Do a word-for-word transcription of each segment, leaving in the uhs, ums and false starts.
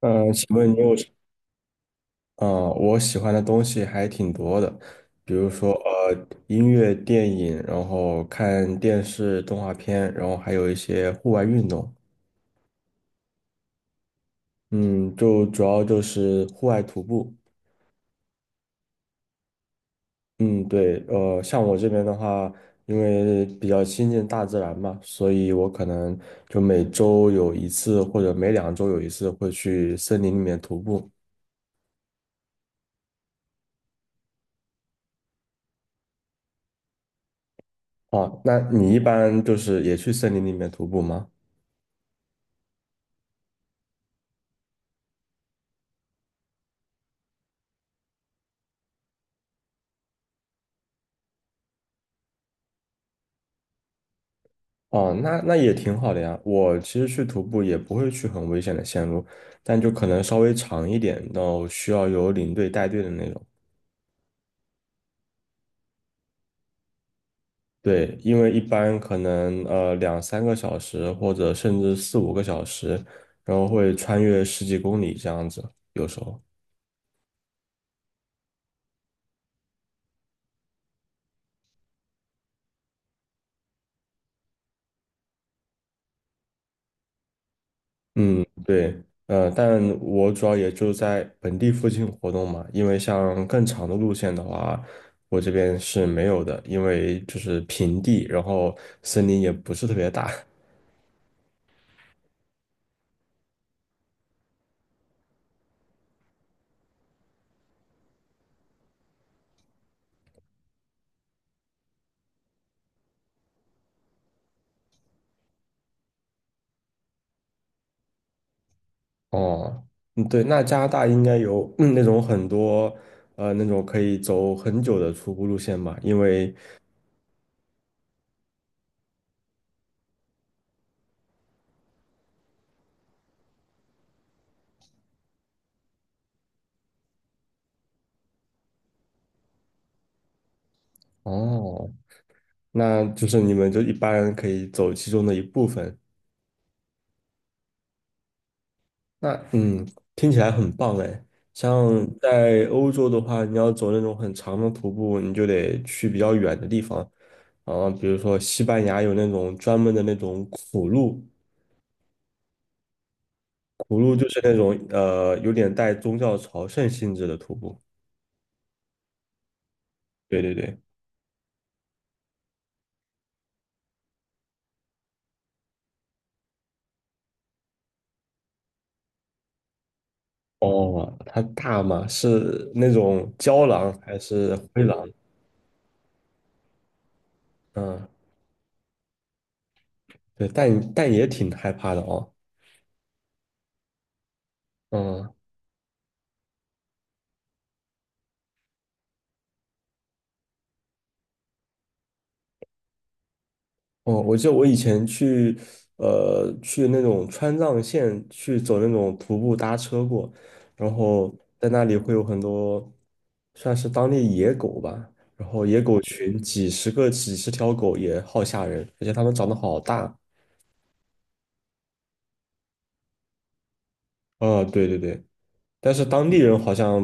嗯，呃请问你有什？嗯，我喜欢的东西还挺多的，比如说呃，音乐、电影，然后看电视、动画片，然后还有一些户外运动。嗯，就主要就是户外徒步。嗯，对，呃，像我这边的话，因为比较亲近大自然嘛，所以我可能就每周有一次或者每两周有一次会去森林里面徒步。哦，那你一般就是也去森林里面徒步吗？哦，那那也挺好的呀。我其实去徒步也不会去很危险的线路，但就可能稍微长一点，然后需要有领队带队的那种。对，因为一般可能呃两三个小时或者甚至四五个小时，然后会穿越十几公里这样子，有时候。嗯，对，呃，但我主要也就在本地附近活动嘛，因为像更长的路线的话，我这边是没有的，因为就是平地，然后森林也不是特别大。哦，嗯，对，那加拿大应该有，嗯那种很多，呃，那种可以走很久的徒步路线嘛，因为，哦，那就是你们就一般可以走其中的一部分，那嗯，听起来很棒哎。像在欧洲的话，你要走那种很长的徒步，你就得去比较远的地方。啊，比如说西班牙有那种专门的那种苦路，苦路就是那种呃有点带宗教朝圣性质的徒步。对对对。哦，它大吗？是那种郊狼还是灰狼？嗯，对，但但也挺害怕的哦。嗯。哦，我记得我以前去，呃，去那种川藏线去走那种徒步搭车过，然后在那里会有很多算是当地野狗吧，然后野狗群几十个、几十条狗也好吓人，而且它们长得好大。啊、对对对，但是当地人好像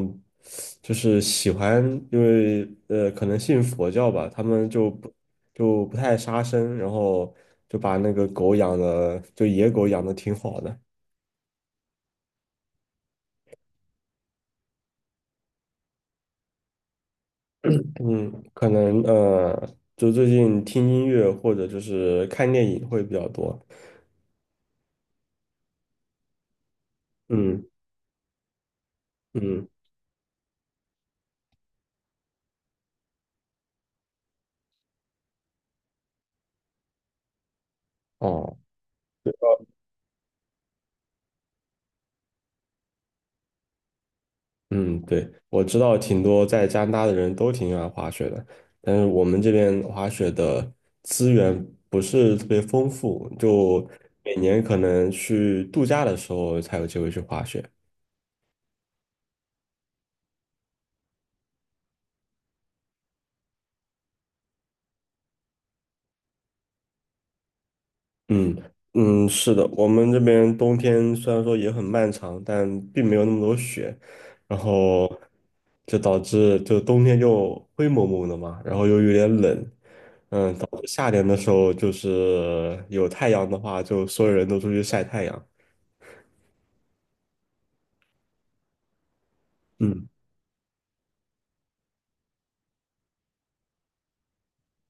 就是喜欢，因为呃，可能信佛教吧，他们就不就不太杀生，然后就把那个狗养的，就野狗养的挺好的。嗯，可能呃，就最近听音乐或者就是看电影会比较多。嗯嗯，哦，嗯，对，我知道挺多在加拿大的人都挺喜欢滑雪的，但是我们这边滑雪的资源不是特别丰富，就每年可能去度假的时候才有机会去滑雪。嗯嗯，是的，我们这边冬天虽然说也很漫长，但并没有那么多雪，然后就导致就冬天就灰蒙蒙的嘛，然后又有点冷，嗯，导致夏天的时候就是有太阳的话，就所有人都出去晒太阳。嗯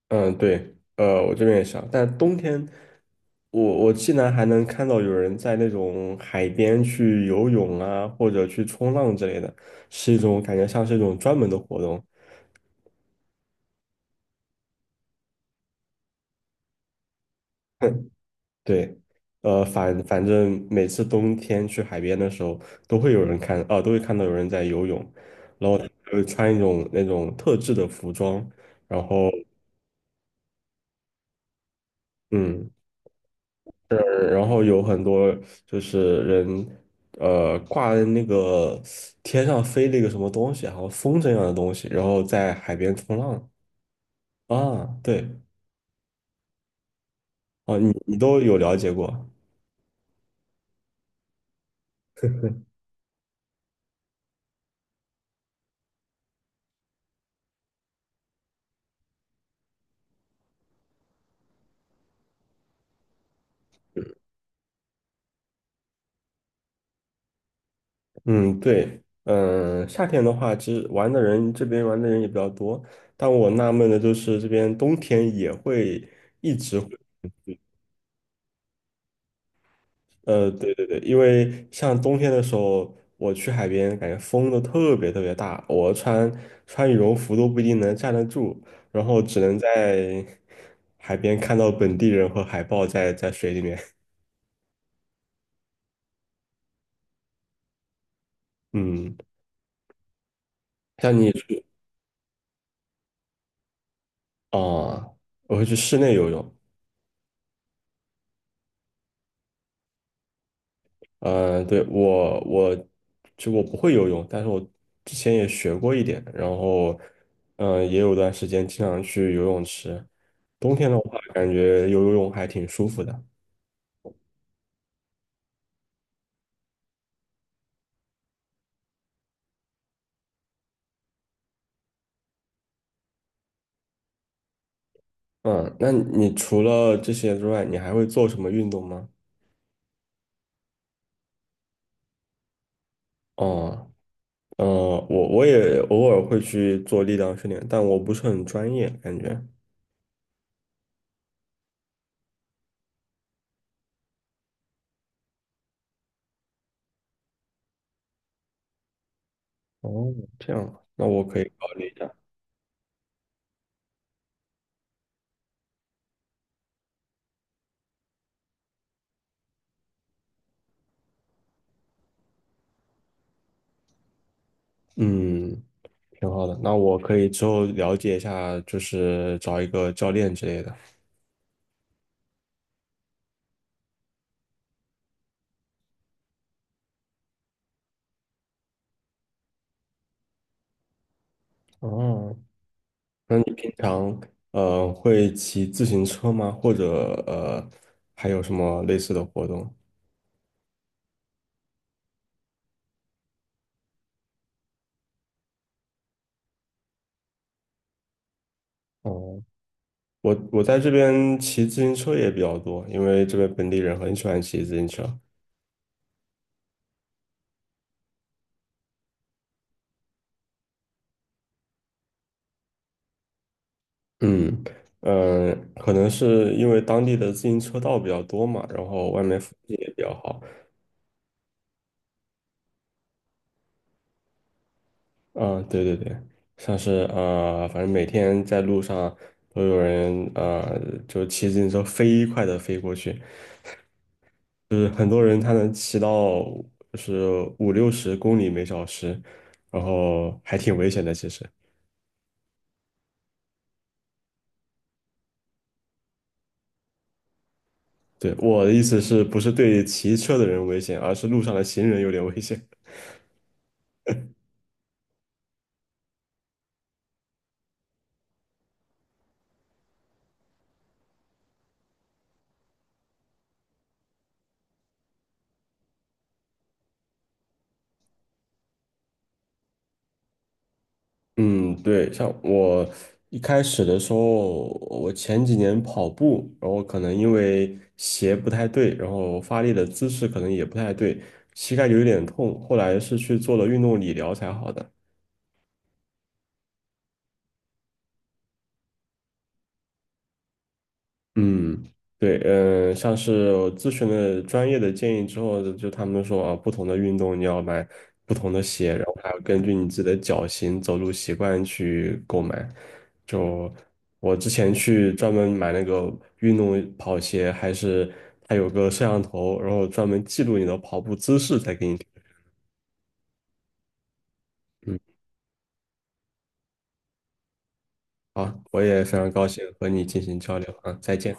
嗯，对，呃，我这边也是啊但冬天我我竟然还能看到有人在那种海边去游泳啊，或者去冲浪之类的，是一种感觉像是一种专门的活动。对，呃，反反正每次冬天去海边的时候，都会有人看，啊，都会看到有人在游泳，然后他们会穿一种那种特制的服装，然后，嗯，呃然后有很多就是人，呃，挂在那个天上飞了一个什么东西，好像风筝一样的东西，然后在海边冲浪啊，对，哦，你你都有了解过。嗯，对，嗯，夏天的话，其实玩的人这边玩的人也比较多，但我纳闷的就是这边冬天也会一直会，呃，对对对，因为像冬天的时候，我去海边，感觉风都特别特别大，我穿穿羽绒服都不一定能站得住，然后只能在海边看到本地人和海豹在在水里面，嗯，像你去啊，我会去室内游泳，嗯，对，我我就我不会游泳，但是我之前也学过一点，然后嗯，也有段时间经常去游泳池。冬天的话，感觉游游泳还挺舒服的。嗯，那你除了这些之外，你还会做什么运动吗？哦，呃，我我也偶尔会去做力量训练，但我不是很专业，感觉。哦，这样，那我可以考虑一下。嗯，挺好的。那我可以之后了解一下，就是找一个教练之类的。哦，那你平常呃会骑自行车吗？或者呃还有什么类似的活动？哦，我我在这边骑自行车也比较多，因为这边本地人很喜欢骑自行车。嗯嗯呃可能是因为当地的自行车道比较多嘛，然后外面风景也比较好。嗯，对对对，像是呃，反正每天在路上都有人呃，就骑自行车飞快的飞过去，就是很多人他能骑到就是五六十公里每小时，然后还挺危险的。其实，对，我的意思是不是对骑车的人危险，而是路上的行人有点危险。嗯，对，像我一开始的时候，我前几年跑步，然后可能因为鞋不太对，然后发力的姿势可能也不太对，膝盖有一点痛，后来是去做了运动理疗才好的。嗯，对，嗯，像是我咨询了专业的建议之后，就他们说啊，不同的运动你要买不同的鞋，然后还要根据你自己的脚型、走路习惯去购买。就我之前去专门买那个运动跑鞋，还是它有个摄像头，然后专门记录你的跑步姿势再给你。嗯，好，我也非常高兴和你进行交流啊，再见。